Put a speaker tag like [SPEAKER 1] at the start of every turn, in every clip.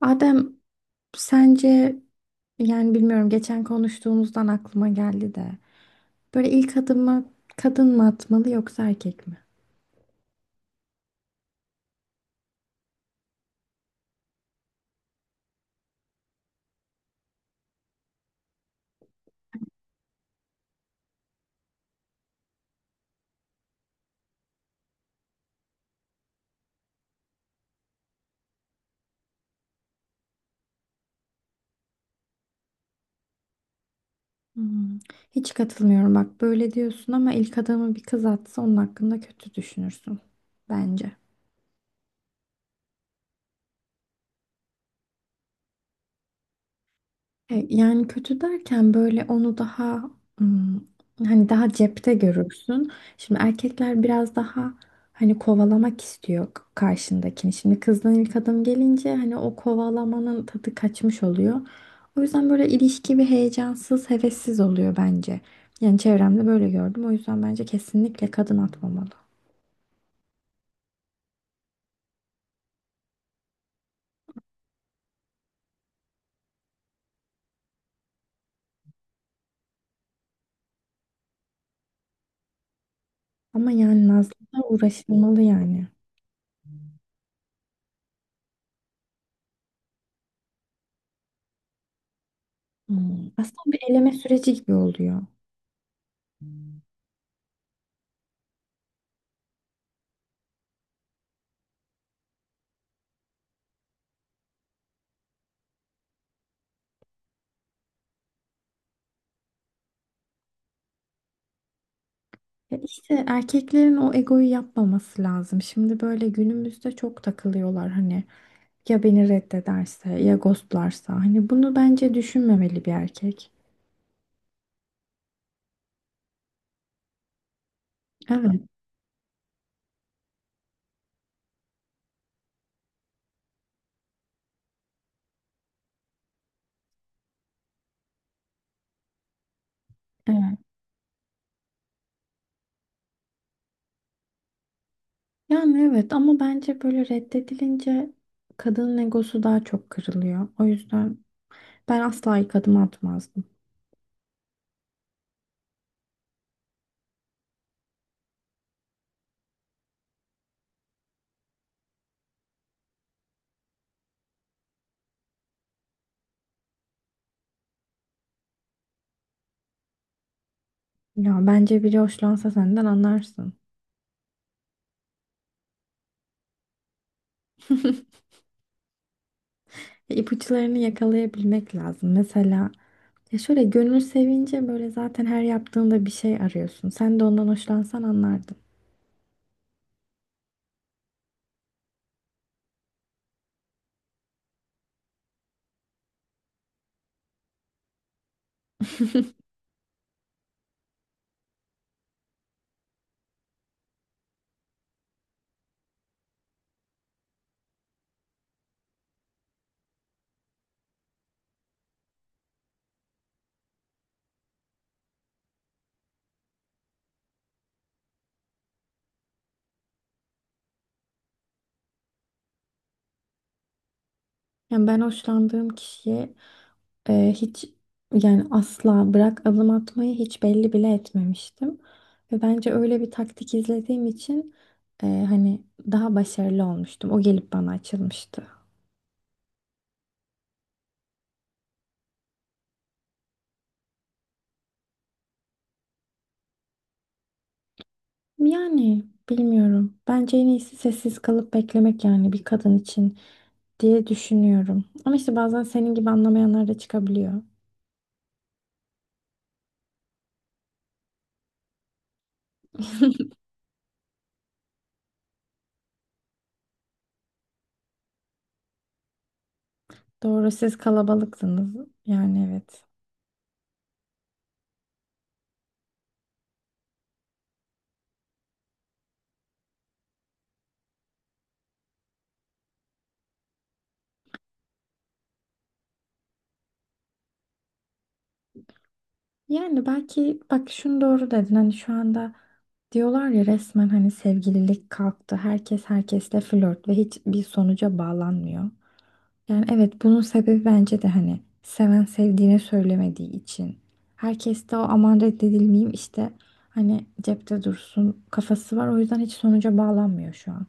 [SPEAKER 1] Adem, sence, yani bilmiyorum geçen konuştuğumuzdan aklıma geldi de böyle ilk adımı kadın mı atmalı yoksa erkek mi? Hmm. Hiç katılmıyorum, bak böyle diyorsun ama ilk adımı bir kız atsa onun hakkında kötü düşünürsün bence. Yani kötü derken böyle onu daha, hmm, hani daha cepte görürsün. Şimdi erkekler biraz daha hani kovalamak istiyor karşındakini. Şimdi kızdan ilk adım gelince hani o kovalamanın tadı kaçmış oluyor. O yüzden böyle ilişki bir heyecansız, hevessiz oluyor bence. Yani çevremde böyle gördüm. O yüzden bence kesinlikle kadın atmamalı. Ama yani Nazlı'da uğraşılmalı yani. Hmm. Aslında bir eleme süreci gibi oluyor. Ya işte erkeklerin o egoyu yapmaması lazım. Şimdi böyle günümüzde çok takılıyorlar, hani ya beni reddederse, ya ghostlarsa, hani bunu bence düşünmemeli bir erkek. Evet, evet. Yani evet, ama bence böyle reddedilince kadının egosu daha çok kırılıyor. O yüzden ben asla ilk adım atmazdım. Ya bence biri hoşlansa senden anlarsın. ipuçlarını yakalayabilmek lazım. Mesela ya şöyle, gönül sevince böyle zaten her yaptığında bir şey arıyorsun. Sen de ondan hoşlansan anlardın. Yani ben hoşlandığım kişiye e, hiç yani asla, bırak adım atmayı, hiç belli bile etmemiştim. Ve bence öyle bir taktik izlediğim için, hani daha başarılı olmuştum. O gelip bana açılmıştı. Yani bilmiyorum. Bence en iyisi sessiz kalıp beklemek yani bir kadın için, diye düşünüyorum. Ama işte bazen senin gibi anlamayanlar da çıkabiliyor. Doğru, siz kalabalıksınız. Yani evet. Yani belki bak, şunu doğru dedin. Hani şu anda diyorlar ya, resmen hani sevgililik kalktı. Herkes herkesle flört ve hiçbir sonuca bağlanmıyor. Yani evet, bunun sebebi bence de hani seven sevdiğine söylemediği için. Herkes de o aman reddedilmeyeyim işte, hani cepte dursun kafası var. O yüzden hiç sonuca bağlanmıyor şu an.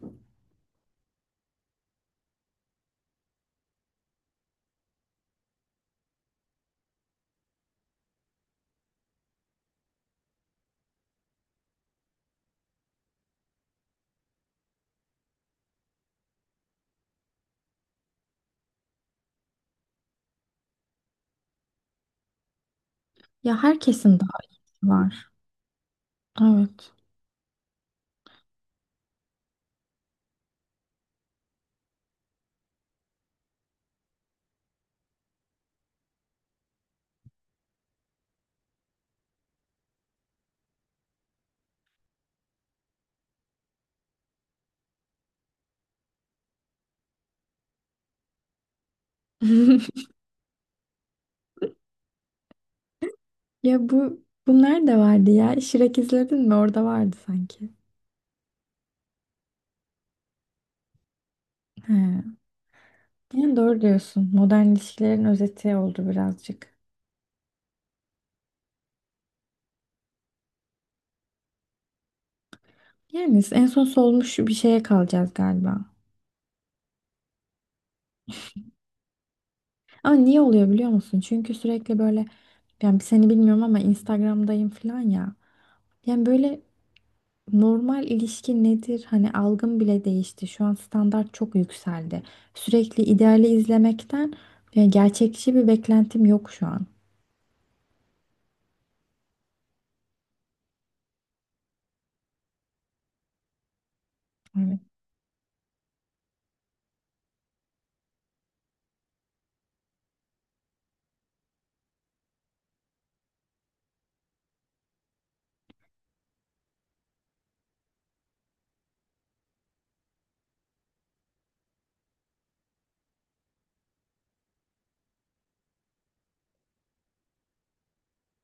[SPEAKER 1] Ya herkesin daha var. Evet. Ya bu, bunlar da vardı ya. Shrek izledin mi? Orada vardı sanki. He. Yani doğru diyorsun. Modern ilişkilerin özeti oldu birazcık. Yani en son solmuş bir şeye kalacağız galiba. Ama niye oluyor biliyor musun? Çünkü sürekli böyle, yani seni bilmiyorum ama Instagram'dayım falan ya. Yani böyle, normal ilişki nedir? Hani algım bile değişti. Şu an standart çok yükseldi. Sürekli ideali izlemekten, yani gerçekçi bir beklentim yok şu an.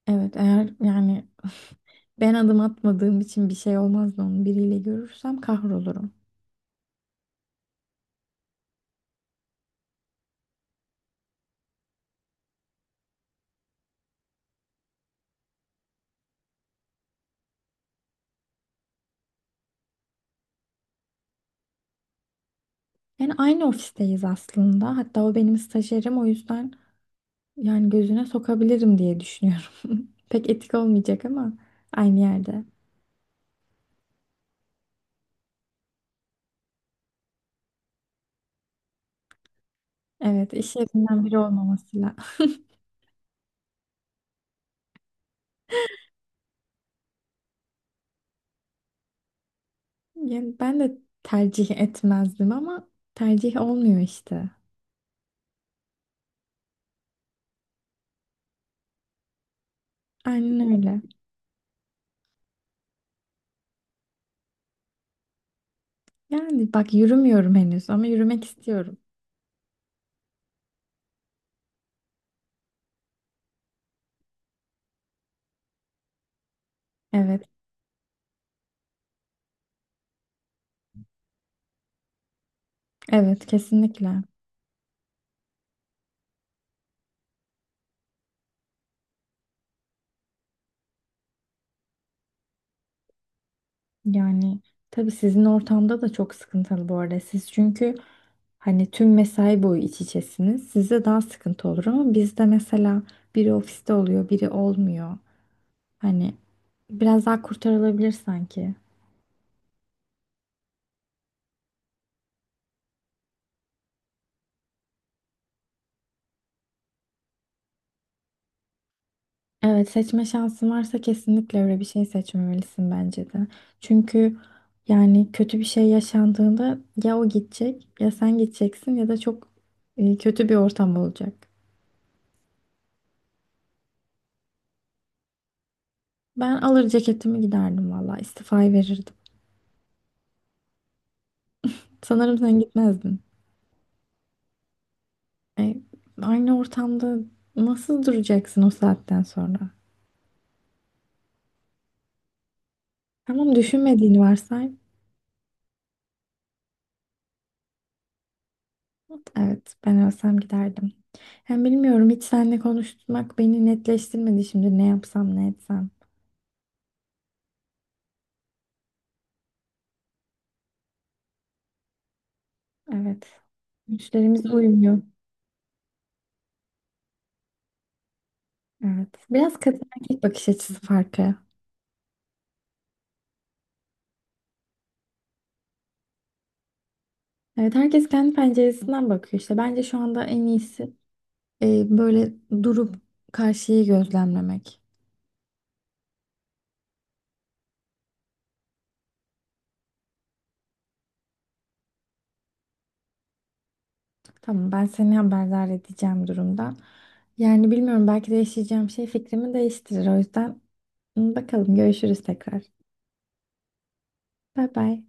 [SPEAKER 1] Evet eğer yani ben adım atmadığım için bir şey olmaz da onu biriyle görürsem kahrolurum. Yani aynı ofisteyiz aslında. Hatta o benim stajyerim, o yüzden yani gözüne sokabilirim diye düşünüyorum. Pek etik olmayacak ama aynı yerde. Evet, iş yerinden biri olmamasıyla. Yani ben de tercih etmezdim ama tercih olmuyor işte. Aynen öyle. Yani bak, yürümüyorum henüz ama yürümek istiyorum. Evet, evet kesinlikle. Yani tabii sizin ortamda da çok sıkıntılı bu arada. Siz çünkü hani tüm mesai boyu iç içesiniz. Size daha sıkıntı olur ama bizde mesela biri ofiste oluyor, biri olmuyor. Hani biraz daha kurtarılabilir sanki. Evet, seçme şansın varsa kesinlikle öyle bir şey seçmemelisin bence de. Çünkü yani kötü bir şey yaşandığında ya o gidecek, ya sen gideceksin, ya da çok kötü bir ortam olacak. Ben alır ceketimi giderdim, valla istifayı verirdim. Sanırım sen gitmezdin. E, aynı ortamda nasıl duracaksın o saatten sonra? Tamam, düşünmediğini varsay. Evet, ben ölsem giderdim. Hem bilmiyorum, hiç seninle konuşmak beni netleştirmedi şimdi ne yapsam ne etsem. Evet. Güçlerimiz uymuyor. Evet. Biraz kadın erkek bakış açısı farkı. Evet, herkes kendi penceresinden bakıyor işte. Bence şu anda en iyisi böyle durup karşıyı gözlemlemek. Tamam, ben seni haberdar edeceğim durumdan. Yani bilmiyorum, belki değişeceğim şey fikrimi değiştirir. O yüzden hı, bakalım, görüşürüz tekrar. Bay bay.